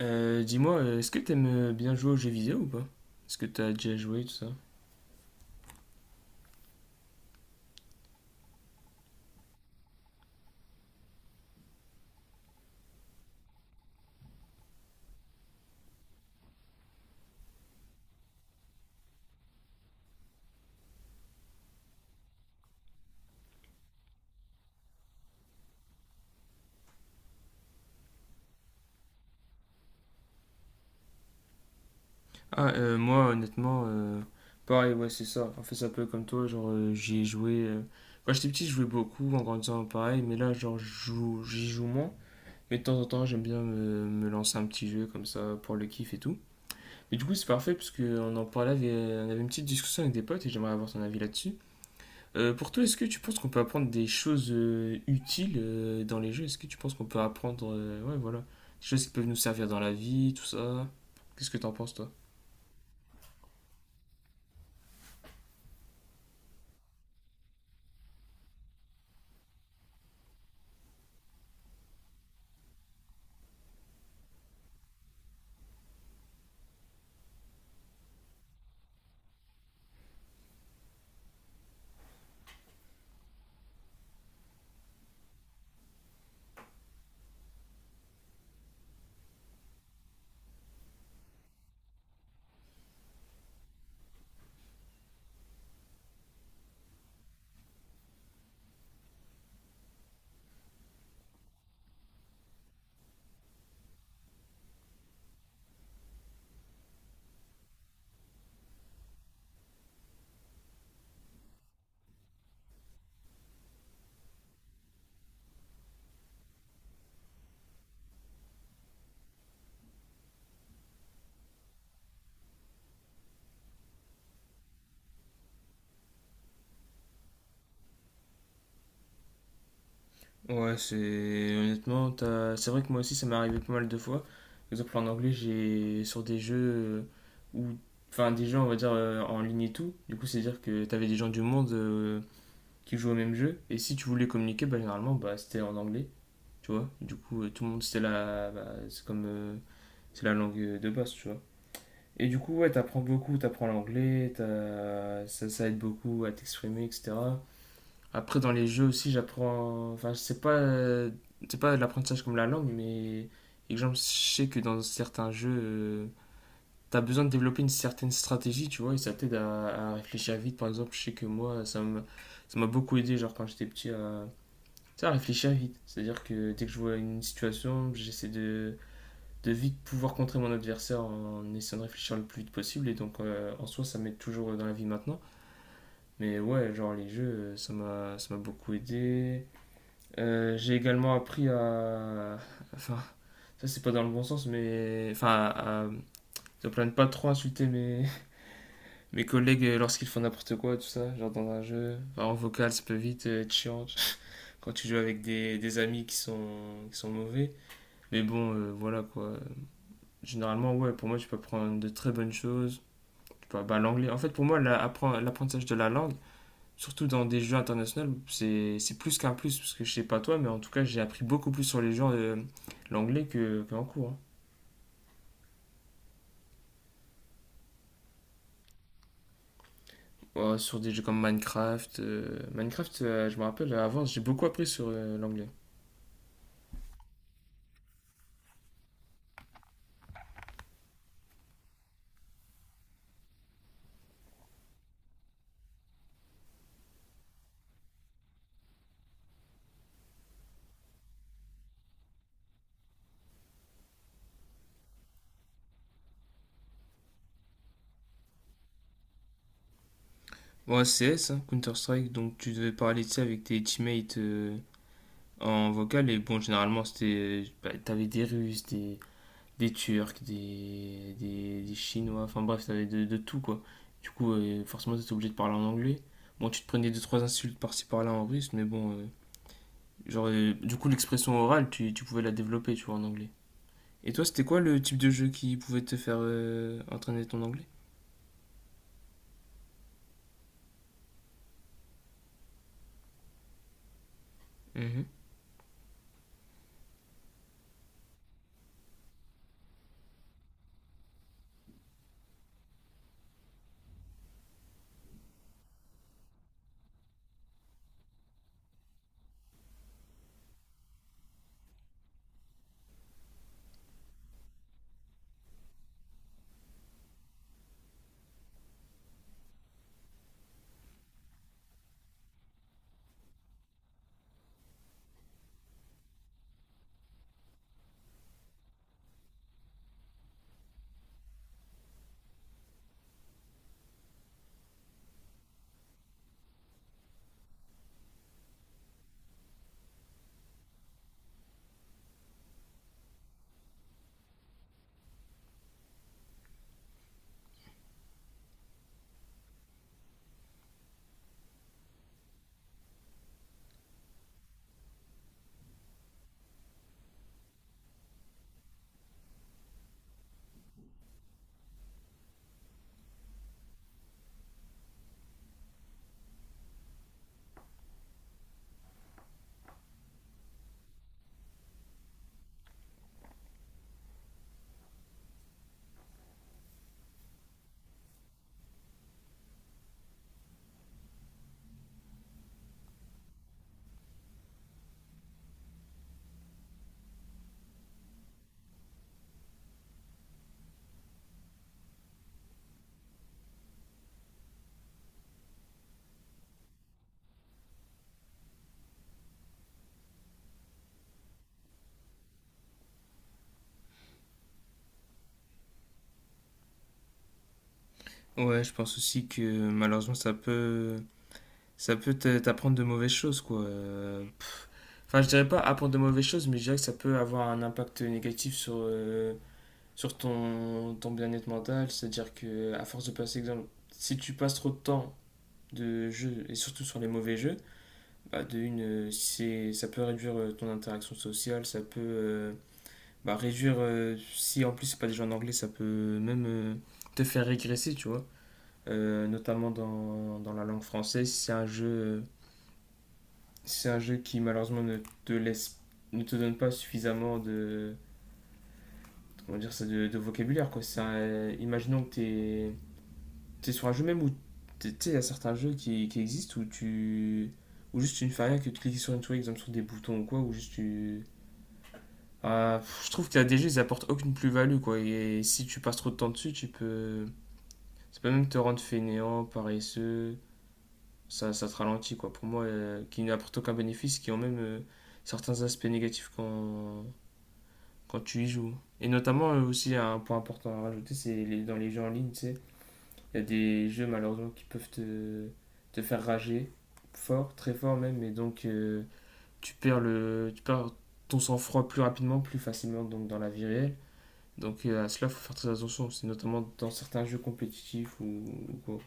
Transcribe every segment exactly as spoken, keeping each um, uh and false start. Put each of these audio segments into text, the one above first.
Euh, dis-moi, euh, est-ce que t'aimes euh, bien jouer aux jeux vidéo ou pas? Est-ce que t'as déjà joué, tout ça? Ah, euh, moi, honnêtement, euh, pareil, ouais, c'est ça. En fait, c'est un peu comme toi, genre, euh, j'y ai joué... euh, Quand j'étais petit, je jouais beaucoup, en grandissant, pareil, mais là, genre, je joue- j'y joue moins. Mais de temps en temps, j'aime bien me, me lancer un petit jeu, comme ça, pour le kiff et tout. Mais du coup, c'est parfait, parce qu'on en parlait, avec- on avait une petite discussion avec des potes, et j'aimerais avoir ton avis là-dessus. Euh, pour toi, est-ce que tu penses qu'on peut apprendre des choses euh, utiles euh, dans les jeux? Est-ce que tu penses qu'on peut apprendre, euh, ouais, voilà, des choses qui peuvent nous servir dans la vie, tout ça? Qu'est-ce que t'en penses, toi? Ouais, c'est honnêtement, t'as- c'est vrai que moi aussi, ça m'est arrivé pas mal de fois. Par exemple, en anglais, j'ai sur des jeux euh, où, enfin, des jeux, on va dire euh, en ligne et tout. Du coup, c'est-à-dire que t'avais des gens du monde euh, qui jouaient au même jeu, et si tu voulais communiquer, bah généralement, bah c'était en anglais, tu vois. Du coup, euh, tout le monde c'était là, bah, c'est comme euh, c'est la langue de base, tu vois. Et du coup, ouais, t'apprends beaucoup, t'apprends l'anglais, t'as- ça, ça aide beaucoup à t'exprimer, et cetera. Après, dans les jeux aussi, j'apprends. Enfin, c'est pas, euh, c'est pas de l'apprentissage comme la langue, mais exemple, je sais que dans certains jeux, euh, t'as besoin de développer une certaine stratégie, tu vois, et ça t'aide à, à réfléchir vite. Par exemple, je sais que moi, ça m'a ça m'a beaucoup aidé, genre quand j'étais petit, à, tu sais, à réfléchir vite. C'est-à-dire que dès que je vois une situation, j'essaie de de vite pouvoir contrer mon adversaire en essayant de réfléchir le plus vite possible. Et donc, euh, en soi, ça m'aide toujours dans la vie maintenant. Mais ouais, genre les jeux, euh, ça m'a, ça m'a beaucoup aidé. Euh, j'ai également appris à. Enfin, ça c'est pas dans le bon sens, mais. Enfin, à. à ne pas trop insulter mes, mes collègues lorsqu'ils font n'importe quoi, tout ça, genre dans un jeu. Enfin, en vocal, ça peut vite euh, être chiant quand tu joues avec des, des amis qui sont, qui sont mauvais. Mais bon, euh, voilà quoi. Généralement, ouais, pour moi, tu peux apprendre de très bonnes choses. Tu peux, bah, l'anglais. En fait, pour moi, la- appren- l'apprentissage de la langue, surtout dans des jeux internationaux, c'est c'est plus qu'un plus. Parce que je sais pas toi, mais en tout cas, j'ai appris beaucoup plus sur les jeux euh, l'anglais que, qu'en cours. hein. Euh, sur des jeux comme Minecraft. euh, Minecraft, euh, je me rappelle, avant, j'ai beaucoup appris sur euh, l'anglais. Bon, C S, hein, Counter-Strike, donc tu devais parler de ça avec tes teammates euh, en vocal. Et bon, généralement, c'était. Euh, bah, t'avais des Russes, des des Turcs, des, des, des Chinois, enfin bref, t'avais de, de tout quoi. Du coup, euh, forcément, t'étais obligé de parler en anglais. Bon, tu te prenais deux, trois insultes par-ci par-là en russe, mais bon, euh, genre, euh, du coup, l'expression orale, tu, tu pouvais la développer, tu vois, en anglais. Et toi, c'était quoi le type de jeu qui pouvait te faire euh, entraîner ton anglais? Mhm. Ouais, je pense aussi que malheureusement, ça peut, ça peut t'a- t'apprendre de mauvaises choses, quoi. Euh, Enfin, je dirais pas apprendre de mauvaises choses, mais je dirais que ça peut avoir un impact négatif sur, euh, sur ton, ton bien-être mental. C'est-à-dire que à force de passer, exemple, si tu passes trop de temps de jeu et surtout sur les mauvais jeux, bah, de une, euh, c'est, ça peut réduire euh, ton interaction sociale, ça peut euh, bah, réduire, euh, si en plus c'est pas des jeux en anglais, ça peut même euh, te faire régresser, tu vois. Euh, notamment dans, dans la langue française, si c'est un jeu, euh, si c'est un jeu qui malheureusement ne te laisse, ne te donne pas suffisamment de, comment dire ça, de, de vocabulaire, quoi. C'est un- imaginons que t'es t'es sur un jeu même où. t'es- Tu sais, il y a certains jeux qui, qui existent où tu. Ou juste tu ne fais rien que de cliquer sur une souris, exemple sur des boutons ou quoi, ou juste tu. Ah, pff, je trouve que la D G, ils apportent aucune plus-value, quoi. Et si tu passes trop de temps dessus, tu peux. Ça peut même te rendre fainéant, paresseux. Ça, ça te ralentit, quoi. Pour moi, euh, qui n'apportent aucun bénéfice, qui ont même euh, certains aspects négatifs quand, quand tu y joues. Et notamment, euh, aussi, un point important à rajouter, c'est les- dans les jeux en ligne, tu sais, il y a des jeux malheureusement qui peuvent te, te faire rager fort, très fort même, et donc euh, tu perds le, tu perds ton sang-froid plus rapidement, plus facilement donc dans la vie réelle. Donc euh, à cela, il faut faire très attention. C'est notamment dans certains jeux compétitifs ou, ou quoi.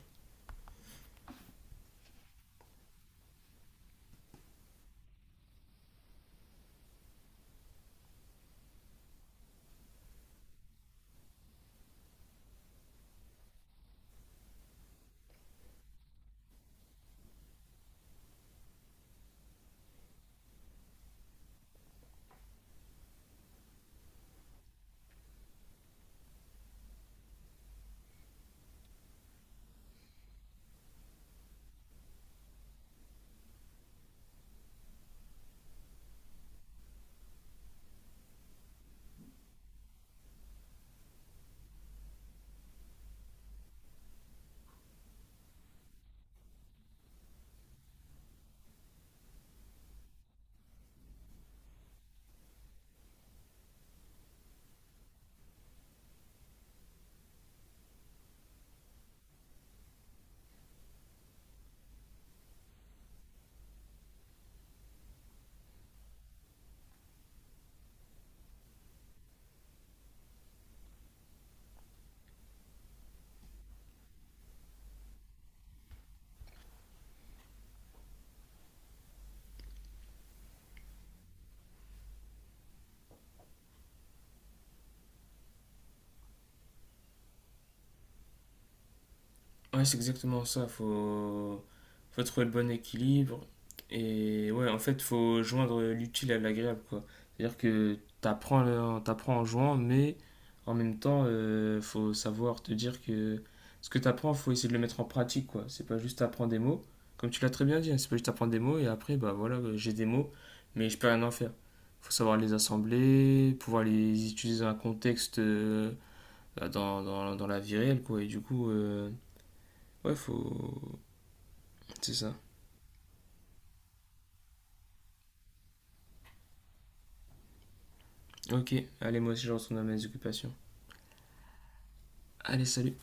Ouais, c'est exactement ça. Faut... faut trouver le bon équilibre. Et ouais, en fait, faut joindre l'utile à l'agréable, quoi. C'est-à-dire que t'apprends le- t'apprends en jouant, mais en même temps, euh, faut savoir te dire que ce que t'apprends, faut essayer de le mettre en pratique, quoi. C'est pas juste apprendre des mots. Comme tu l'as très bien dit, hein, c'est pas juste apprendre des mots et après, bah voilà, euh, j'ai des mots, mais je peux rien en faire. Faut savoir les assembler, pouvoir les utiliser dans un contexte, euh, bah, dans, dans- dans la vie réelle, quoi. Et du coup... euh, Ouais, faut. C'est ça. Ok, allez, moi aussi je retourne à mes occupations. Allez, salut.